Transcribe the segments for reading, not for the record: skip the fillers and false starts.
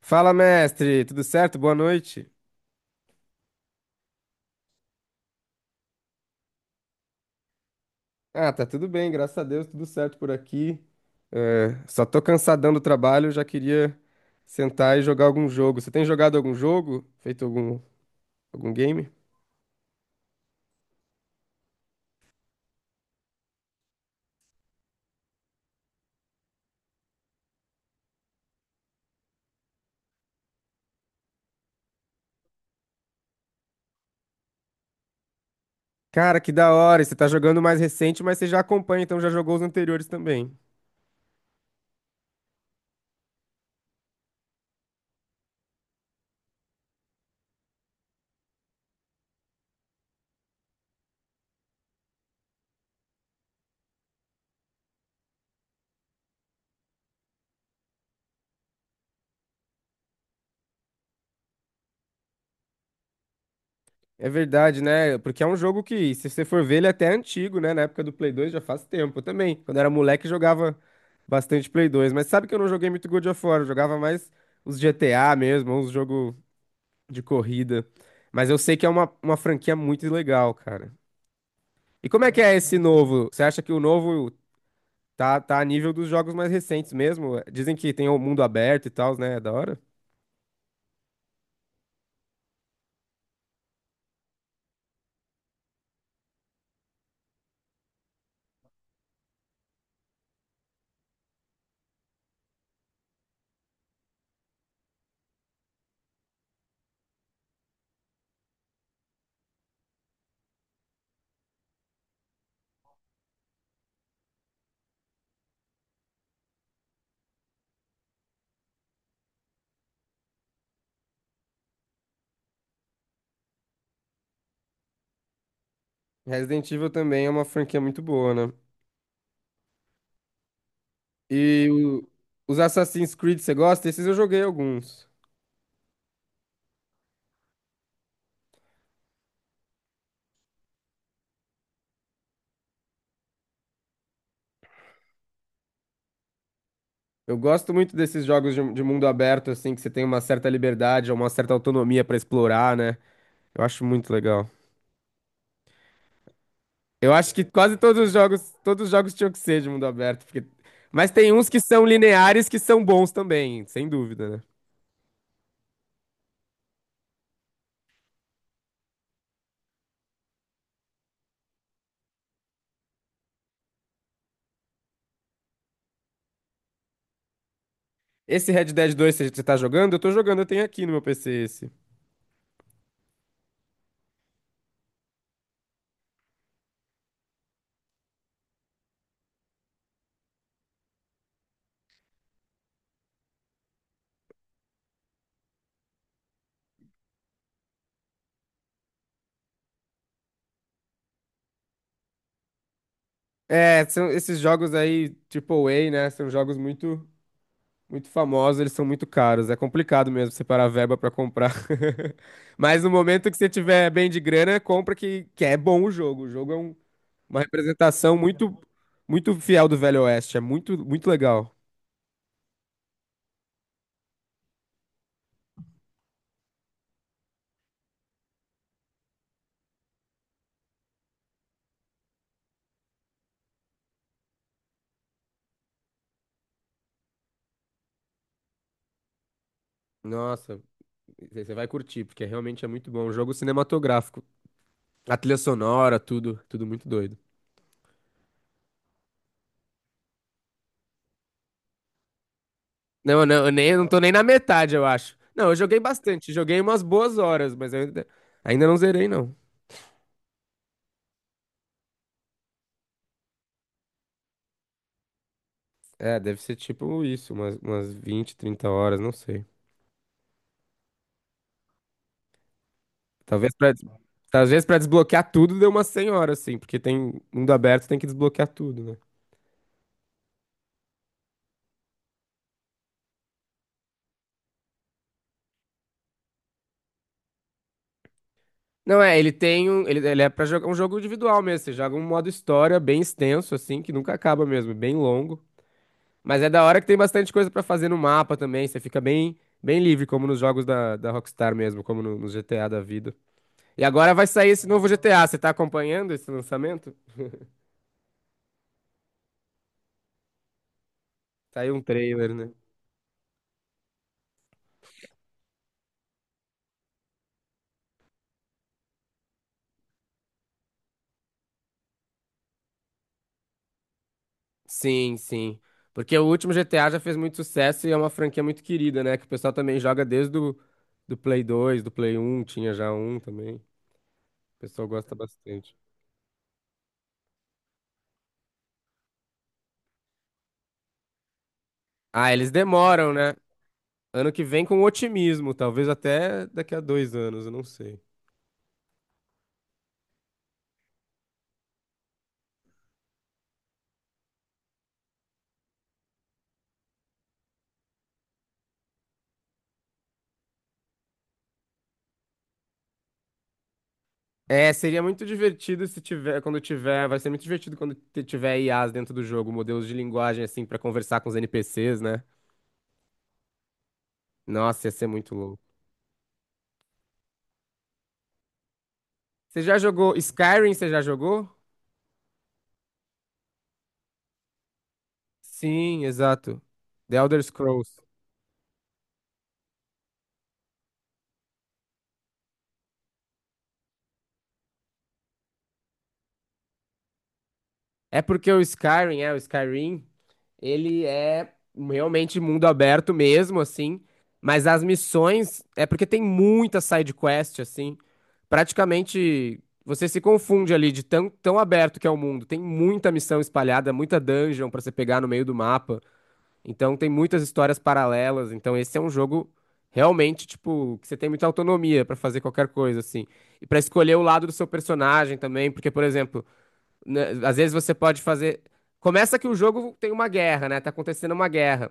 Fala, mestre, tudo certo? Boa noite. Ah, tá tudo bem, graças a Deus, tudo certo por aqui. É, só tô cansadão do trabalho, já queria sentar e jogar algum jogo. Você tem jogado algum jogo? Feito algum game? Cara, que da hora! E você tá jogando o mais recente, mas você já acompanha, então já jogou os anteriores também. É verdade, né? Porque é um jogo que, se você for ver, ele é até antigo, né? Na época do Play 2 já faz tempo. Eu também, quando era moleque, jogava bastante Play 2. Mas sabe que eu não joguei muito God of War, eu jogava mais os GTA mesmo, uns jogos de corrida. Mas eu sei que é uma franquia muito legal, cara. E como é que é esse novo? Você acha que o novo tá a nível dos jogos mais recentes mesmo? Dizem que tem o mundo aberto e tal, né? É da hora? Resident Evil também é uma franquia muito boa, né? E o- os Assassin's Creed, você gosta? Esses eu joguei alguns. Eu gosto muito desses jogos de mundo aberto, assim, que você tem uma certa liberdade, uma certa autonomia pra explorar, né? Eu acho muito legal. Eu acho que quase todos os jogos tinham que ser de mundo aberto, porque... Mas tem uns que são lineares que são bons também, sem dúvida, né? Esse Red Dead 2 você tá jogando? Eu tô jogando, eu tenho aqui no meu PC esse. É, são esses jogos aí, AAA, né? São jogos muito muito famosos, eles são muito caros. É complicado mesmo separar verba pra comprar. Mas no momento que você tiver bem de grana, compra que é bom o jogo. O jogo é uma representação muito muito fiel do Velho Oeste. É muito muito legal. Nossa, você vai curtir, porque realmente é muito bom. Um jogo cinematográfico. A trilha sonora, tudo, tudo muito doido. Não, não, eu não tô nem na metade, eu acho. Não, eu joguei bastante. Joguei umas boas horas, mas eu ainda, ainda não zerei, não. É, deve ser tipo isso, umas 20, 30 horas, não sei. Talvez pra, des- talvez pra desbloquear tudo deu umas 100 horas, assim, porque tem mundo aberto, tem que desbloquear tudo, né? Não, é, ele é pra jogar um jogo individual mesmo, você joga um modo história bem extenso, assim, que nunca acaba mesmo, é bem longo. Mas é da hora que tem bastante coisa pra fazer no mapa também, você fica bem, bem livre, como nos jogos da Rockstar mesmo, como no GTA da vida. E agora vai sair esse novo GTA, você tá acompanhando esse lançamento? Saiu um trailer, né? Sim, sim. Porque o último GTA já fez muito sucesso e é uma franquia muito querida, né? Que o pessoal também joga desde o do Play 2 do Play 1 tinha já um também. O pessoal gosta bastante. Ah, eles demoram, né? Ano que vem com otimismo, talvez até daqui a 2 anos, eu não sei. É, seria muito divertido se tiver, quando tiver, vai ser muito divertido quando tiver IAs dentro do jogo, modelos de linguagem assim pra conversar com os NPCs, né? Nossa, ia ser muito louco. Você já jogou Skyrim? Você já jogou? Sim, exato. The Elder Scrolls. É porque o Skyrim, ele é realmente mundo aberto mesmo, assim, mas as missões é porque tem muita side quest, assim. Praticamente você se confunde ali de tão, tão aberto que é o mundo. Tem muita missão espalhada, muita dungeon pra você pegar no meio do mapa. Então tem muitas histórias paralelas. Então esse é um jogo realmente, tipo, que você tem muita autonomia pra fazer qualquer coisa, assim. E pra escolher o lado do seu personagem também, porque, por exemplo, né, às vezes você pode fazer. Começa que o jogo tem uma guerra, né? Tá acontecendo uma guerra.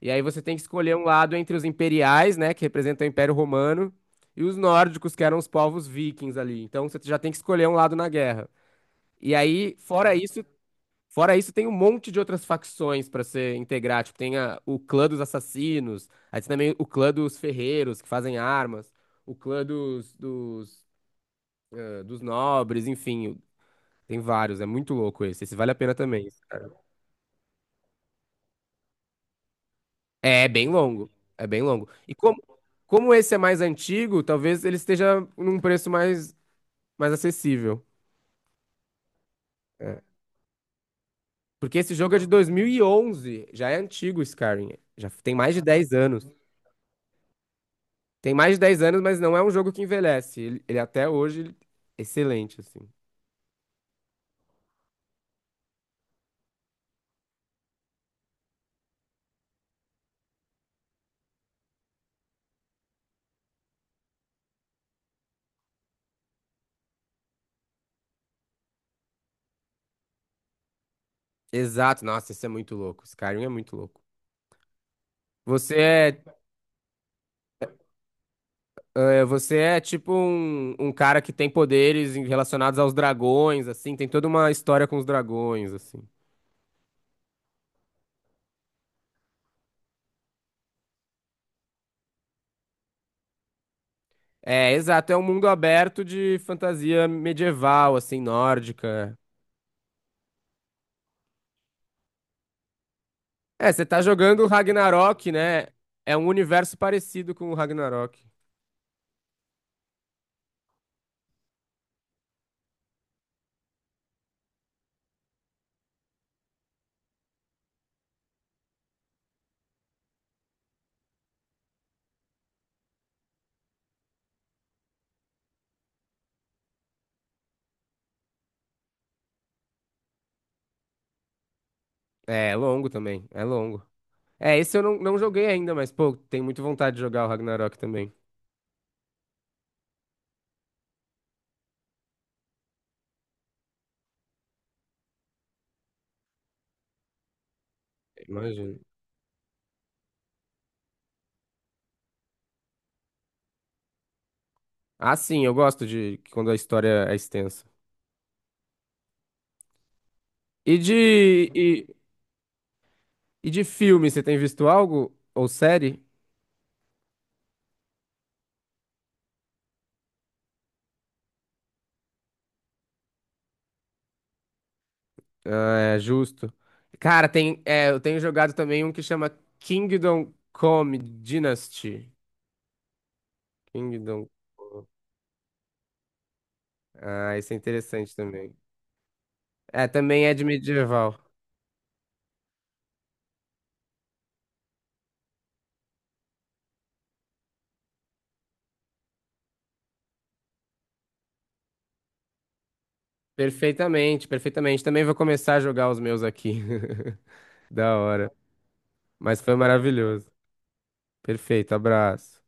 E aí você tem que escolher um lado entre os imperiais, né, que representam o Império Romano, e os nórdicos, que eram os povos vikings ali. Então você já tem que escolher um lado na guerra. E aí, fora isso, tem um monte de outras facções pra você integrar. Tipo, tem o clã dos assassinos, aí tem também o clã dos ferreiros que fazem armas, o clã dos nobres, enfim. Tem vários, é muito louco esse. Esse vale a pena também, esse, cara. É bem longo, é bem longo. E como, como esse é mais antigo, talvez ele esteja num preço mais acessível. É. Porque esse jogo é de 2011, já é antigo, Skyrim. Já tem mais de 10 anos. Tem mais de 10 anos, mas não é um jogo que envelhece. Ele até hoje, excelente, assim. Exato, nossa, isso é muito louco. Skyrim é muito louco. Você é, você é tipo um cara que tem poderes relacionados aos dragões, assim, tem toda uma história com os dragões, assim. É, exato, é um mundo aberto de fantasia medieval, assim, nórdica. É, você tá jogando Ragnarok, né? É um universo parecido com o Ragnarok. É, é longo também, é longo. É, esse eu não joguei ainda, mas, pô, tenho muita vontade de jogar o Ragnarok também. Imagino. Ah, sim, eu gosto de que quando a história é extensa. E de, e, e de filme, você tem visto algo? Ou série? Ah, é justo. Cara, tem, é, eu tenho jogado também um que chama Kingdom Come Dynasty. Kingdom Come. Ah, esse é interessante também. É, também é de medieval. Perfeitamente, perfeitamente. Também vou começar a jogar os meus aqui. Da hora. Mas foi maravilhoso. Perfeito, abraço.